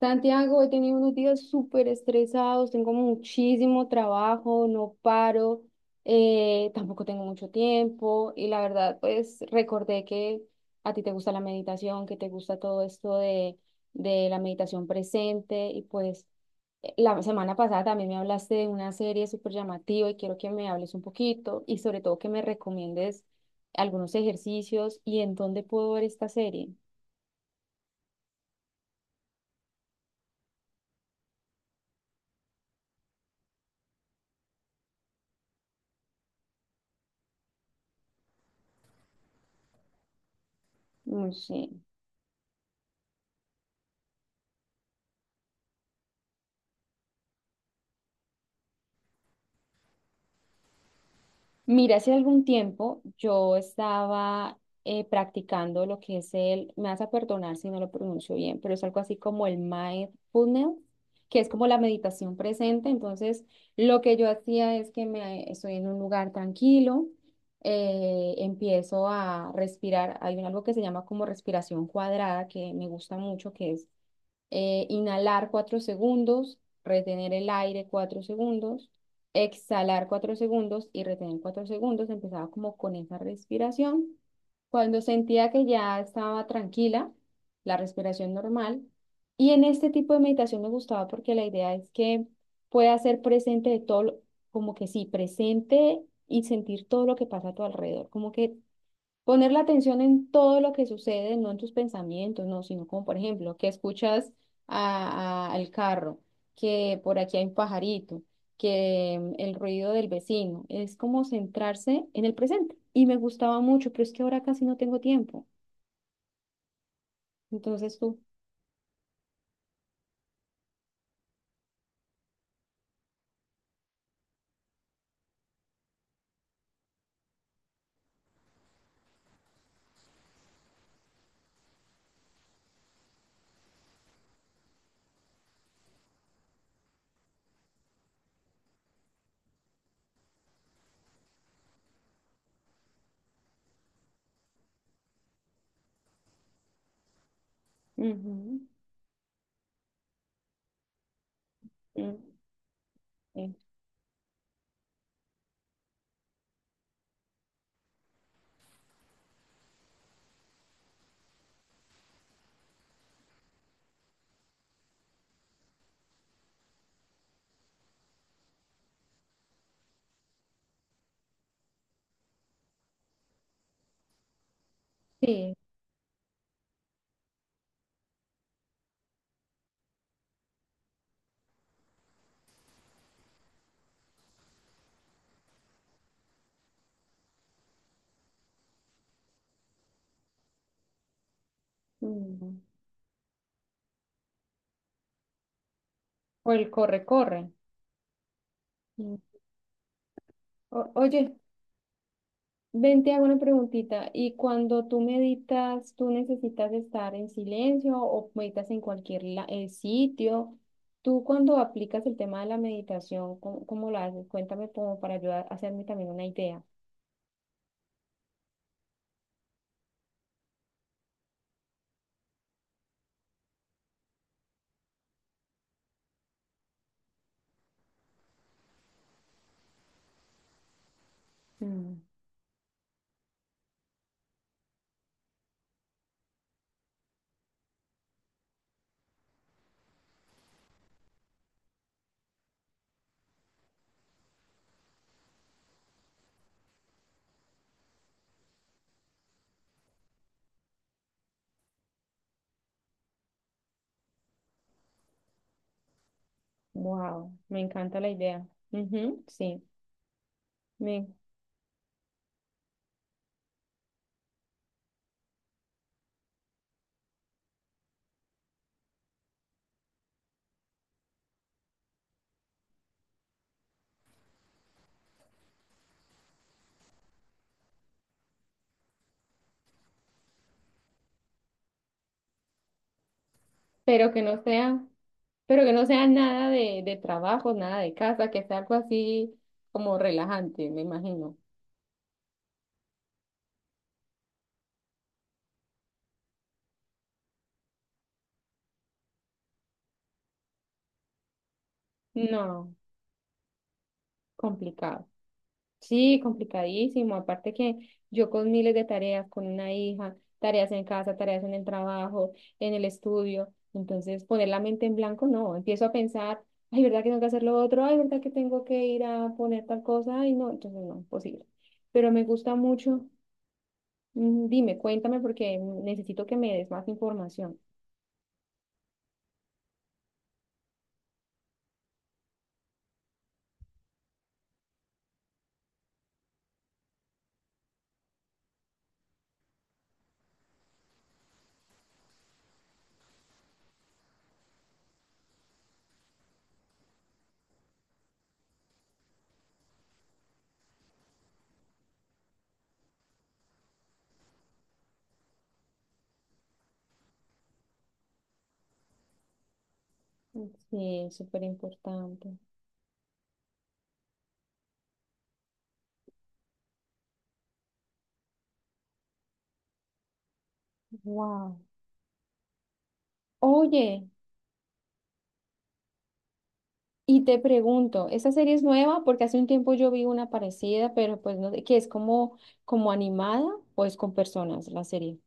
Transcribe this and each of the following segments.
Santiago, he tenido unos días súper estresados, tengo muchísimo trabajo, no paro, tampoco tengo mucho tiempo y la verdad, pues recordé que a ti te gusta la meditación, que te gusta todo esto de la meditación presente y pues la semana pasada también me hablaste de una serie súper llamativa y quiero que me hables un poquito y sobre todo que me recomiendes algunos ejercicios y en dónde puedo ver esta serie. No sé. Mira, hace algún tiempo yo estaba practicando lo que es me vas a perdonar si no lo pronuncio bien, pero es algo así como el mindfulness, que es como la meditación presente. Entonces, lo que yo hacía es que me estoy en un lugar tranquilo, empiezo a respirar. Algo que se llama como respiración cuadrada, que me gusta mucho, que es inhalar 4 segundos, retener el aire 4 segundos, exhalar 4 segundos y retener 4 segundos. Empezaba como con esa respiración. Cuando sentía que ya estaba tranquila, la respiración normal. Y en este tipo de meditación me gustaba porque la idea es que pueda ser presente de todo, como que sí, presente y sentir todo lo que pasa a tu alrededor, como que poner la atención en todo lo que sucede, no en tus pensamientos, no, sino como por ejemplo, que escuchas al carro, que por aquí hay un pajarito, que el ruido del vecino, es como centrarse en el presente. Y me gustaba mucho, pero es que ahora casi no tengo tiempo. Entonces tú, ujú, mm, eh, sí, mm, o el corre, corre. Mm. Oye. Ven, te hago una preguntita. ¿Y cuando tú meditas, tú necesitas estar en silencio o meditas en cualquier sitio? Tú cuando aplicas el tema de la meditación, ¿cómo, cómo lo haces? Cuéntame como para ayudar a hacerme también una idea. Wow, me encanta la idea. Ujú, sí, me- pero que no sea, pero que no sea nada de trabajo, nada de casa, que sea algo así como relajante, me imagino. No, complicado. Sí, complicadísimo. Aparte que yo con miles de tareas, con una hija, tareas en casa, tareas en el trabajo, en el estudio. Entonces, poner la mente en blanco, no. Empiezo a pensar, ay, ¿verdad que tengo que hacer lo otro? Ay, ¿verdad que tengo que ir a poner tal cosa? Ay, no, entonces no, imposible. Pero me gusta mucho. Mm, dime, cuéntame porque necesito que me des más información. Sí, súper importante. Wow. Oye. Y te pregunto, ¿esa serie es nueva? Porque hace un tiempo yo vi una parecida, pero pues no sé, que es como, como animada o es con personas la serie.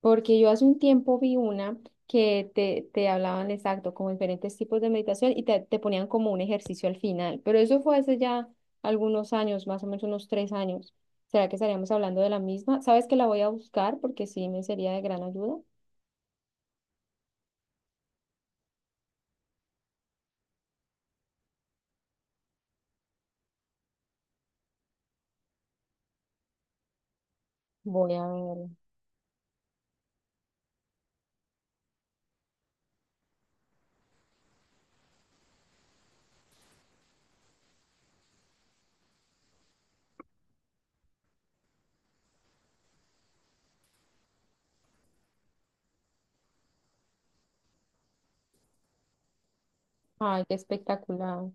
Porque yo hace un tiempo vi una que te hablaban exacto, como diferentes tipos de meditación y te ponían como un ejercicio al final. Pero eso fue hace ya algunos años, más o menos unos 3 años. ¿Será que estaríamos hablando de la misma? ¿Sabes que la voy a buscar? Porque sí me sería de gran ayuda. Voy a ver. Ay, qué espectacular.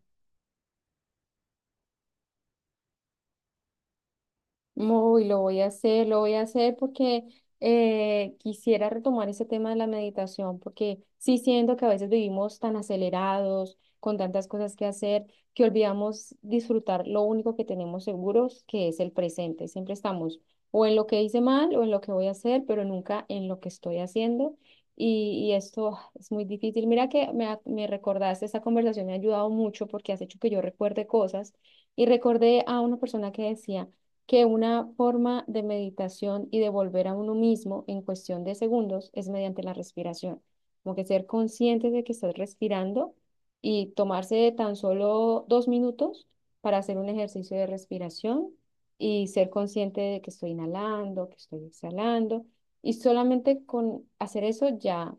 Uy, lo voy a hacer, lo voy a hacer porque quisiera retomar ese tema de la meditación, porque sí siento que a veces vivimos tan acelerados, con tantas cosas que hacer, que olvidamos disfrutar lo único que tenemos seguros, que es el presente. Siempre estamos o en lo que hice mal o en lo que voy a hacer, pero nunca en lo que estoy haciendo. Y esto es muy difícil. Mira que me recordaste, esta conversación me ha ayudado mucho porque has hecho que yo recuerde cosas y recordé a una persona que decía que una forma de meditación y de volver a uno mismo en cuestión de segundos es mediante la respiración. Como que ser consciente de que estás respirando y tomarse tan solo 2 minutos para hacer un ejercicio de respiración y ser consciente de que estoy inhalando, que estoy exhalando. Y solamente con hacer eso ya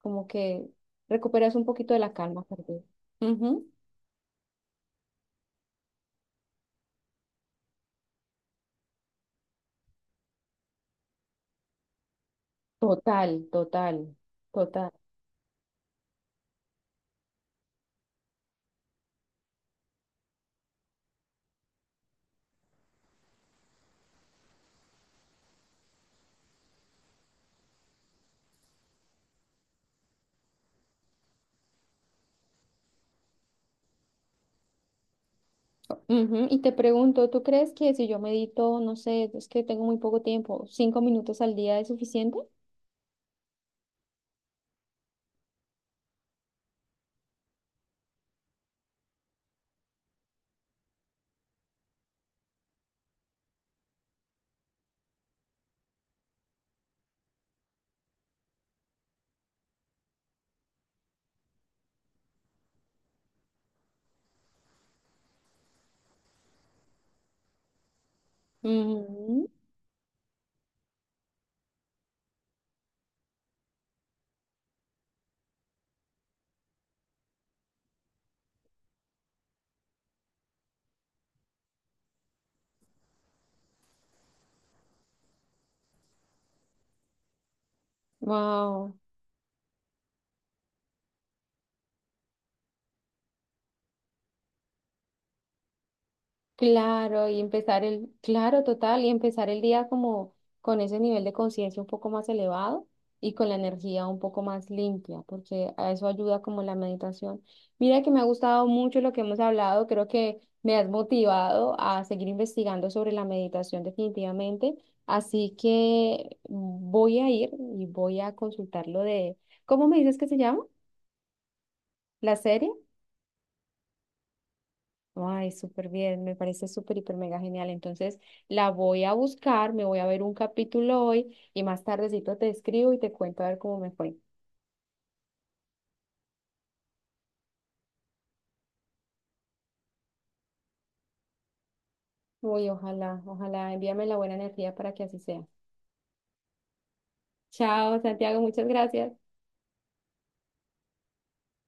como que recuperas un poquito de la calma perdida. Ujú. Total, total, total. Ujú, y te pregunto, ¿tú crees que si yo medito, no sé, es que tengo muy poco tiempo, 5 minutos al día es suficiente? Ujú, wow. Claro, y empezar claro, total, y empezar el día como con ese nivel de conciencia un poco más elevado y con la energía un poco más limpia, porque a eso ayuda como la meditación. Mira que me ha gustado mucho lo que hemos hablado, creo que me has motivado a seguir investigando sobre la meditación definitivamente, así que voy a ir y voy a consultar lo de, ¿cómo me dices que se llama? ¿La serie? Ay, súper bien, me parece súper, hiper, mega genial. Entonces la voy a buscar, me voy a ver un capítulo hoy y más tardecito te escribo y te cuento a ver cómo me fue. Uy, ojalá, ojalá, envíame la buena energía para que así sea. Chao, Santiago, muchas gracias.